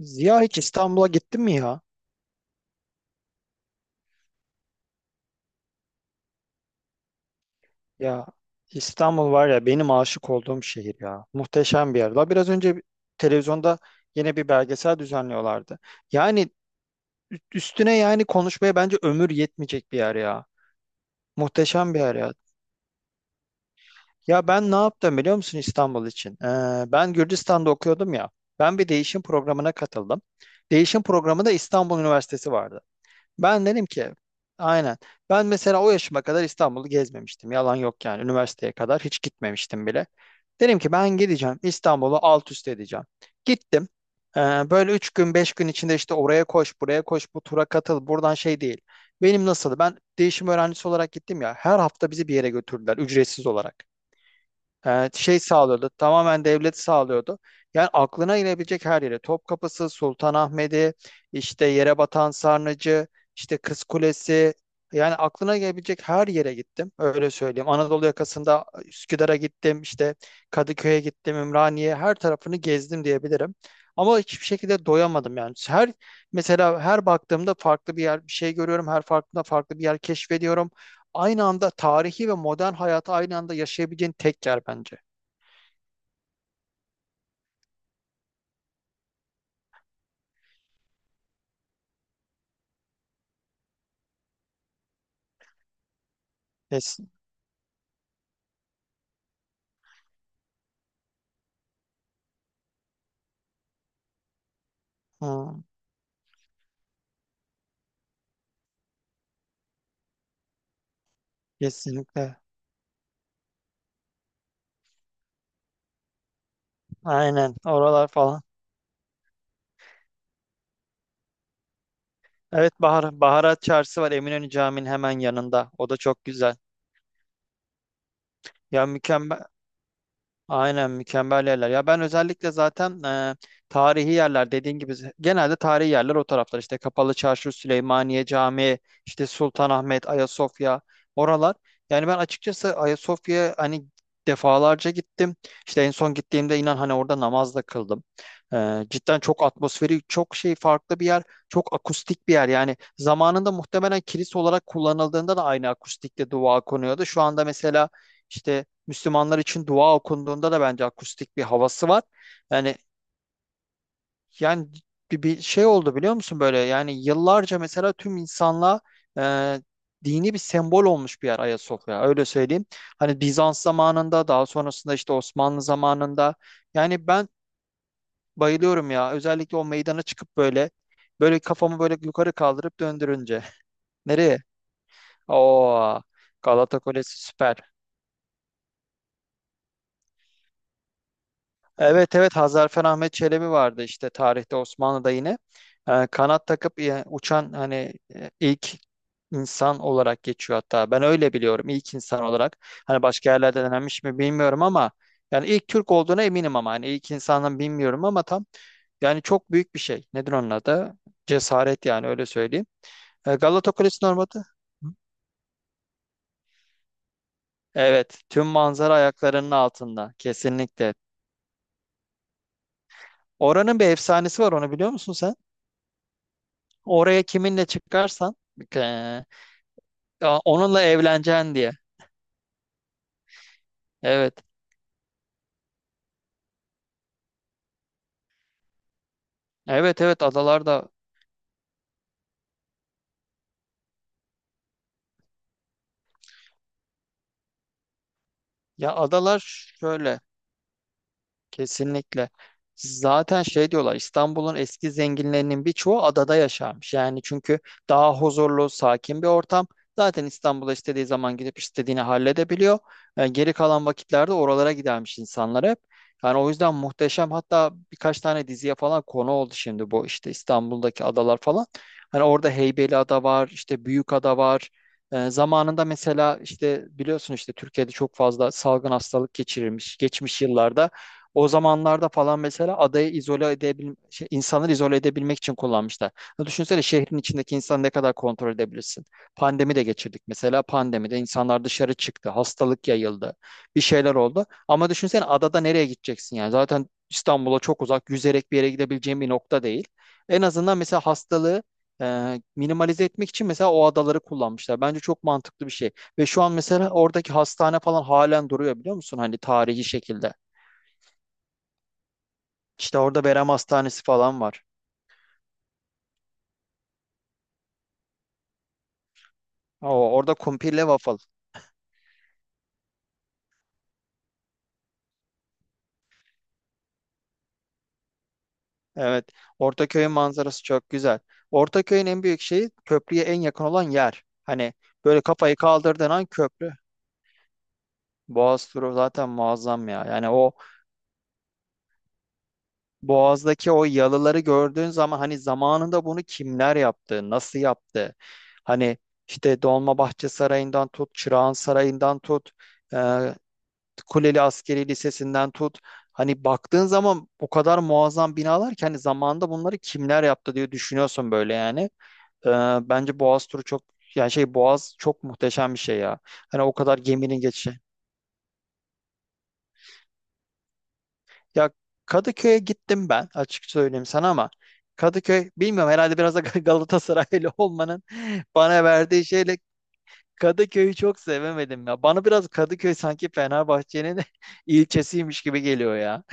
Ziya hiç İstanbul'a gittin mi ya? Ya İstanbul var ya benim aşık olduğum şehir ya. Muhteşem bir yer. Daha biraz önce televizyonda yine bir belgesel düzenliyorlardı. Yani üstüne yani konuşmaya bence ömür yetmeyecek bir yer ya. Muhteşem bir yer ya. Ya ben ne yaptım biliyor musun İstanbul için? Ben Gürcistan'da okuyordum ya. Ben bir değişim programına katıldım. Değişim programında İstanbul Üniversitesi vardı. Ben dedim ki aynen. Ben mesela o yaşıma kadar İstanbul'u gezmemiştim. Yalan yok yani. Üniversiteye kadar hiç gitmemiştim bile. Dedim ki ben gideceğim. İstanbul'u alt üst edeceğim. Gittim. Ee, Böyle üç gün beş gün içinde işte oraya koş buraya koş bu tura katıl buradan şey değil. Benim nasıl ben değişim öğrencisi olarak gittim ya her hafta bizi bir yere götürdüler ücretsiz olarak şey sağlıyordu. Tamamen devlet sağlıyordu. Yani aklına inebilecek her yere. Topkapısı, Sultanahmet'i, işte yere batan Sarnıcı, işte Kız Kulesi. Yani aklına gelebilecek her yere gittim. Öyle söyleyeyim. Anadolu yakasında Üsküdar'a gittim, işte Kadıköy'e gittim, Ümraniye, her tarafını gezdim diyebilirim. Ama hiçbir şekilde doyamadım yani. Her mesela her baktığımda farklı bir yer, bir şey görüyorum. Her farkında farklı bir yer keşfediyorum aynı anda tarihi ve modern hayatı aynı anda yaşayabileceğin tek yer bence. Kesin. Hmm, kesinlikle. Aynen. Oralar falan. Evet Bahar, Baharat Çarşısı var Eminönü Camii'nin hemen yanında. O da çok güzel. Ya mükemmel. Aynen mükemmel yerler. Ya ben özellikle zaten tarihi yerler dediğin gibi genelde tarihi yerler o taraflar işte Kapalı Çarşı, Süleymaniye Camii, işte Sultanahmet, Ayasofya oralar. Yani ben açıkçası Ayasofya'ya hani defalarca gittim. İşte en son gittiğimde inan hani orada namaz da kıldım. Cidden çok atmosferi, çok şey farklı bir yer, çok akustik bir yer. Yani zamanında muhtemelen kilise olarak kullanıldığında da aynı akustikte dua konuyordu. Şu anda mesela işte Müslümanlar için dua okunduğunda da bence akustik bir havası var. Yani yani bir şey oldu biliyor musun böyle yani yıllarca mesela tüm insanlığa e, dini bir sembol olmuş bir yer Ayasofya öyle söyleyeyim. Hani Bizans zamanında daha sonrasında işte Osmanlı zamanında yani ben bayılıyorum ya özellikle o meydana çıkıp böyle böyle kafamı böyle yukarı kaldırıp döndürünce. Nereye? Oo Galata Kulesi süper. Evet evet Hazarfen Ahmet Çelebi vardı işte tarihte Osmanlı'da yine. Kanat takıp uçan hani ilk insan olarak geçiyor hatta. Ben öyle biliyorum ilk insan olarak. Hani başka yerlerde denenmiş mi bilmiyorum ama yani ilk Türk olduğuna eminim ama hani ilk insandan bilmiyorum ama tam yani çok büyük bir şey. Nedir onun adı? Cesaret yani öyle söyleyeyim. Galata Kulesi'nin ormanı. Evet, tüm manzara ayaklarının altında kesinlikle. Oranın bir efsanesi var onu biliyor musun sen? Oraya kiminle çıkarsan eee, ya onunla evleneceksin diye. Evet. Evet evet adalarda. Ya adalar şöyle. Kesinlikle. Zaten şey diyorlar İstanbul'un eski zenginlerinin birçoğu adada yaşarmış. Yani çünkü daha huzurlu, sakin bir ortam. Zaten İstanbul'a istediği zaman gidip istediğini halledebiliyor. Yani geri kalan vakitlerde oralara gidermiş insanlar hep. Yani o yüzden muhteşem hatta birkaç tane diziye falan konu oldu şimdi bu işte İstanbul'daki adalar falan. Hani orada Heybeliada var, işte Büyükada var. Zamanında mesela işte biliyorsun işte Türkiye'de çok fazla salgın hastalık geçirilmiş geçmiş yıllarda. O zamanlarda falan mesela adayı izole edebil şey, insanları izole edebilmek için kullanmışlar. Ya düşünsene şehrin içindeki insanı ne kadar kontrol edebilirsin. Pandemi de geçirdik mesela. Pandemide insanlar dışarı çıktı. Hastalık yayıldı. Bir şeyler oldu. Ama düşünsene adada nereye gideceksin yani? Zaten İstanbul'a çok uzak, yüzerek bir yere gidebileceğin bir nokta değil. En azından mesela hastalığı minimalize etmek için mesela o adaları kullanmışlar. Bence çok mantıklı bir şey. Ve şu an mesela oradaki hastane falan halen duruyor biliyor musun? Hani tarihi şekilde. İşte orada Berem Hastanesi falan var. O, orada kumpirle waffle. Evet. Ortaköy'ün manzarası çok güzel. Ortaköy'ün en büyük şeyi köprüye en yakın olan yer. Hani böyle kafayı kaldırdığın an köprü. Boğaz turu zaten muazzam ya. Yani o Boğaz'daki o yalıları gördüğün zaman hani zamanında bunu kimler yaptı, nasıl yaptı? Hani işte Dolmabahçe Sarayı'ndan tut, Çırağan Sarayı'ndan tut. e, Kuleli Askeri Lisesi'nden tut. Hani baktığın zaman o kadar muazzam binalar ki hani zamanında bunları kimler yaptı diye düşünüyorsun böyle yani. Ee, Bence Boğaz turu çok yani şey Boğaz çok muhteşem bir şey ya. Hani o kadar geminin geçişi. Ya Kadıköy'e gittim ben açık söyleyeyim sana ama Kadıköy bilmiyorum herhalde biraz da Galatasaraylı olmanın bana verdiği şeyle Kadıköy'ü çok sevemedim ya. Bana biraz Kadıköy sanki Fenerbahçe'nin ilçesiymiş gibi geliyor ya.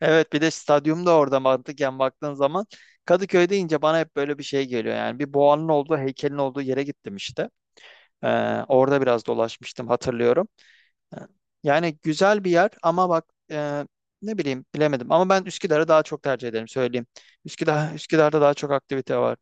Evet bir de stadyum da orada mantıken baktığın zaman Kadıköy deyince bana hep böyle bir şey geliyor yani bir boğanın olduğu heykelin olduğu yere gittim işte. Orada biraz dolaşmıştım hatırlıyorum. Ee, Yani güzel bir yer ama bak e, ne bileyim bilemedim ama ben Üsküdar'ı daha çok tercih ederim söyleyeyim. Üsküdar Üsküdar'da daha çok aktivite var.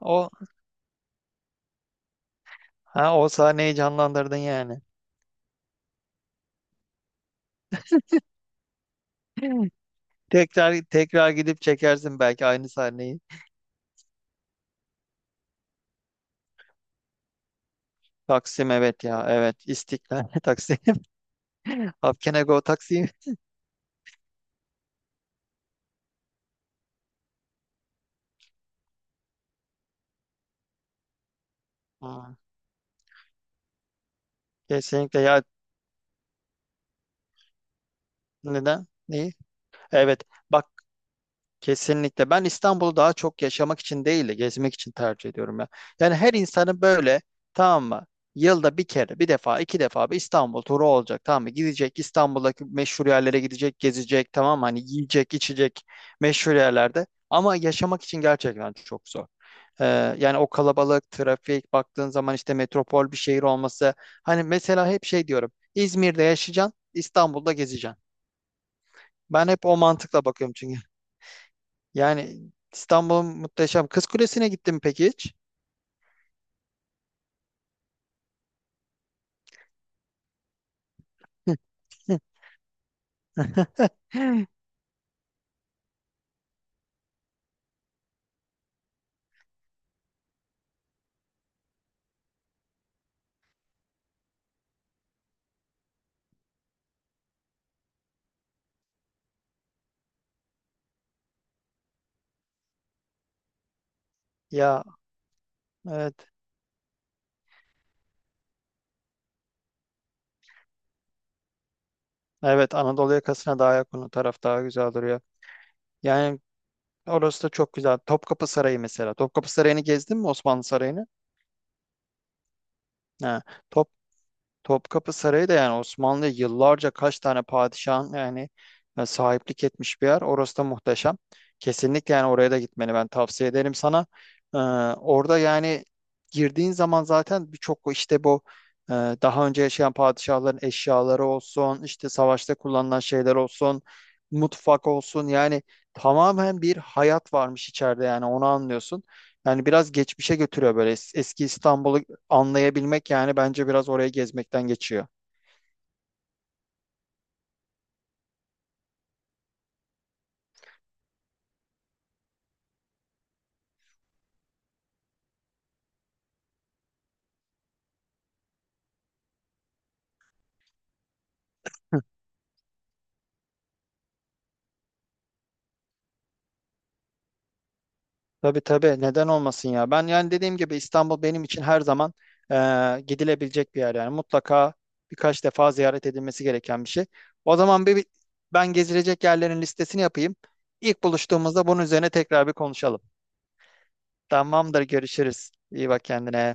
O ha, o sahneyi canlandırdın yani. Tekrar tekrar gidip çekersin belki aynı sahneyi. Taksim evet ya evet İstiklal Taksim. Afkene Go Taksim. Kesinlikle ya, neden? Neyi? Evet bak kesinlikle ben İstanbul'u daha çok yaşamak için değil de gezmek için tercih ediyorum ya. Yani her insanın böyle tamam mı? Yılda bir kere bir defa iki defa bir İstanbul turu olacak tamam mı? Gidecek İstanbul'daki meşhur yerlere gidecek gezecek tamam mı? Hani yiyecek içecek meşhur yerlerde ama yaşamak için gerçekten çok zor. Ee, Yani o kalabalık trafik baktığın zaman işte metropol bir şehir olması hani mesela hep şey diyorum İzmir'de yaşayacaksın İstanbul'da gezeceksin. Ben hep o mantıkla bakıyorum çünkü. Yani İstanbul'un muhteşem. Kız Kulesi'ne gittim peki hiç? Ya evet. Evet Anadolu yakasına daha yakın o taraf daha güzel duruyor. Yani orası da çok güzel. Topkapı Sarayı mesela. Topkapı Sarayı'nı gezdin mi Osmanlı Sarayı'nı? Ha. Top, Topkapı Sarayı da yani Osmanlı'ya yıllarca kaç tane padişahın yani sahiplik etmiş bir yer. Orası da muhteşem. Kesinlikle yani oraya da gitmeni ben tavsiye ederim sana. Ee, Orada yani girdiğin zaman zaten birçok işte bu daha önce yaşayan padişahların eşyaları olsun, işte savaşta kullanılan şeyler olsun, mutfak olsun yani tamamen bir hayat varmış içeride yani onu anlıyorsun. Yani biraz geçmişe götürüyor böyle eski İstanbul'u anlayabilmek yani bence biraz oraya gezmekten geçiyor. Tabii tabii neden olmasın ya. Ben yani dediğim gibi İstanbul benim için her zaman gidilebilecek bir yer yani mutlaka birkaç defa ziyaret edilmesi gereken bir şey. O zaman ben gezilecek yerlerin listesini yapayım. İlk buluştuğumuzda bunun üzerine tekrar bir konuşalım. Tamamdır görüşürüz. İyi bak kendine.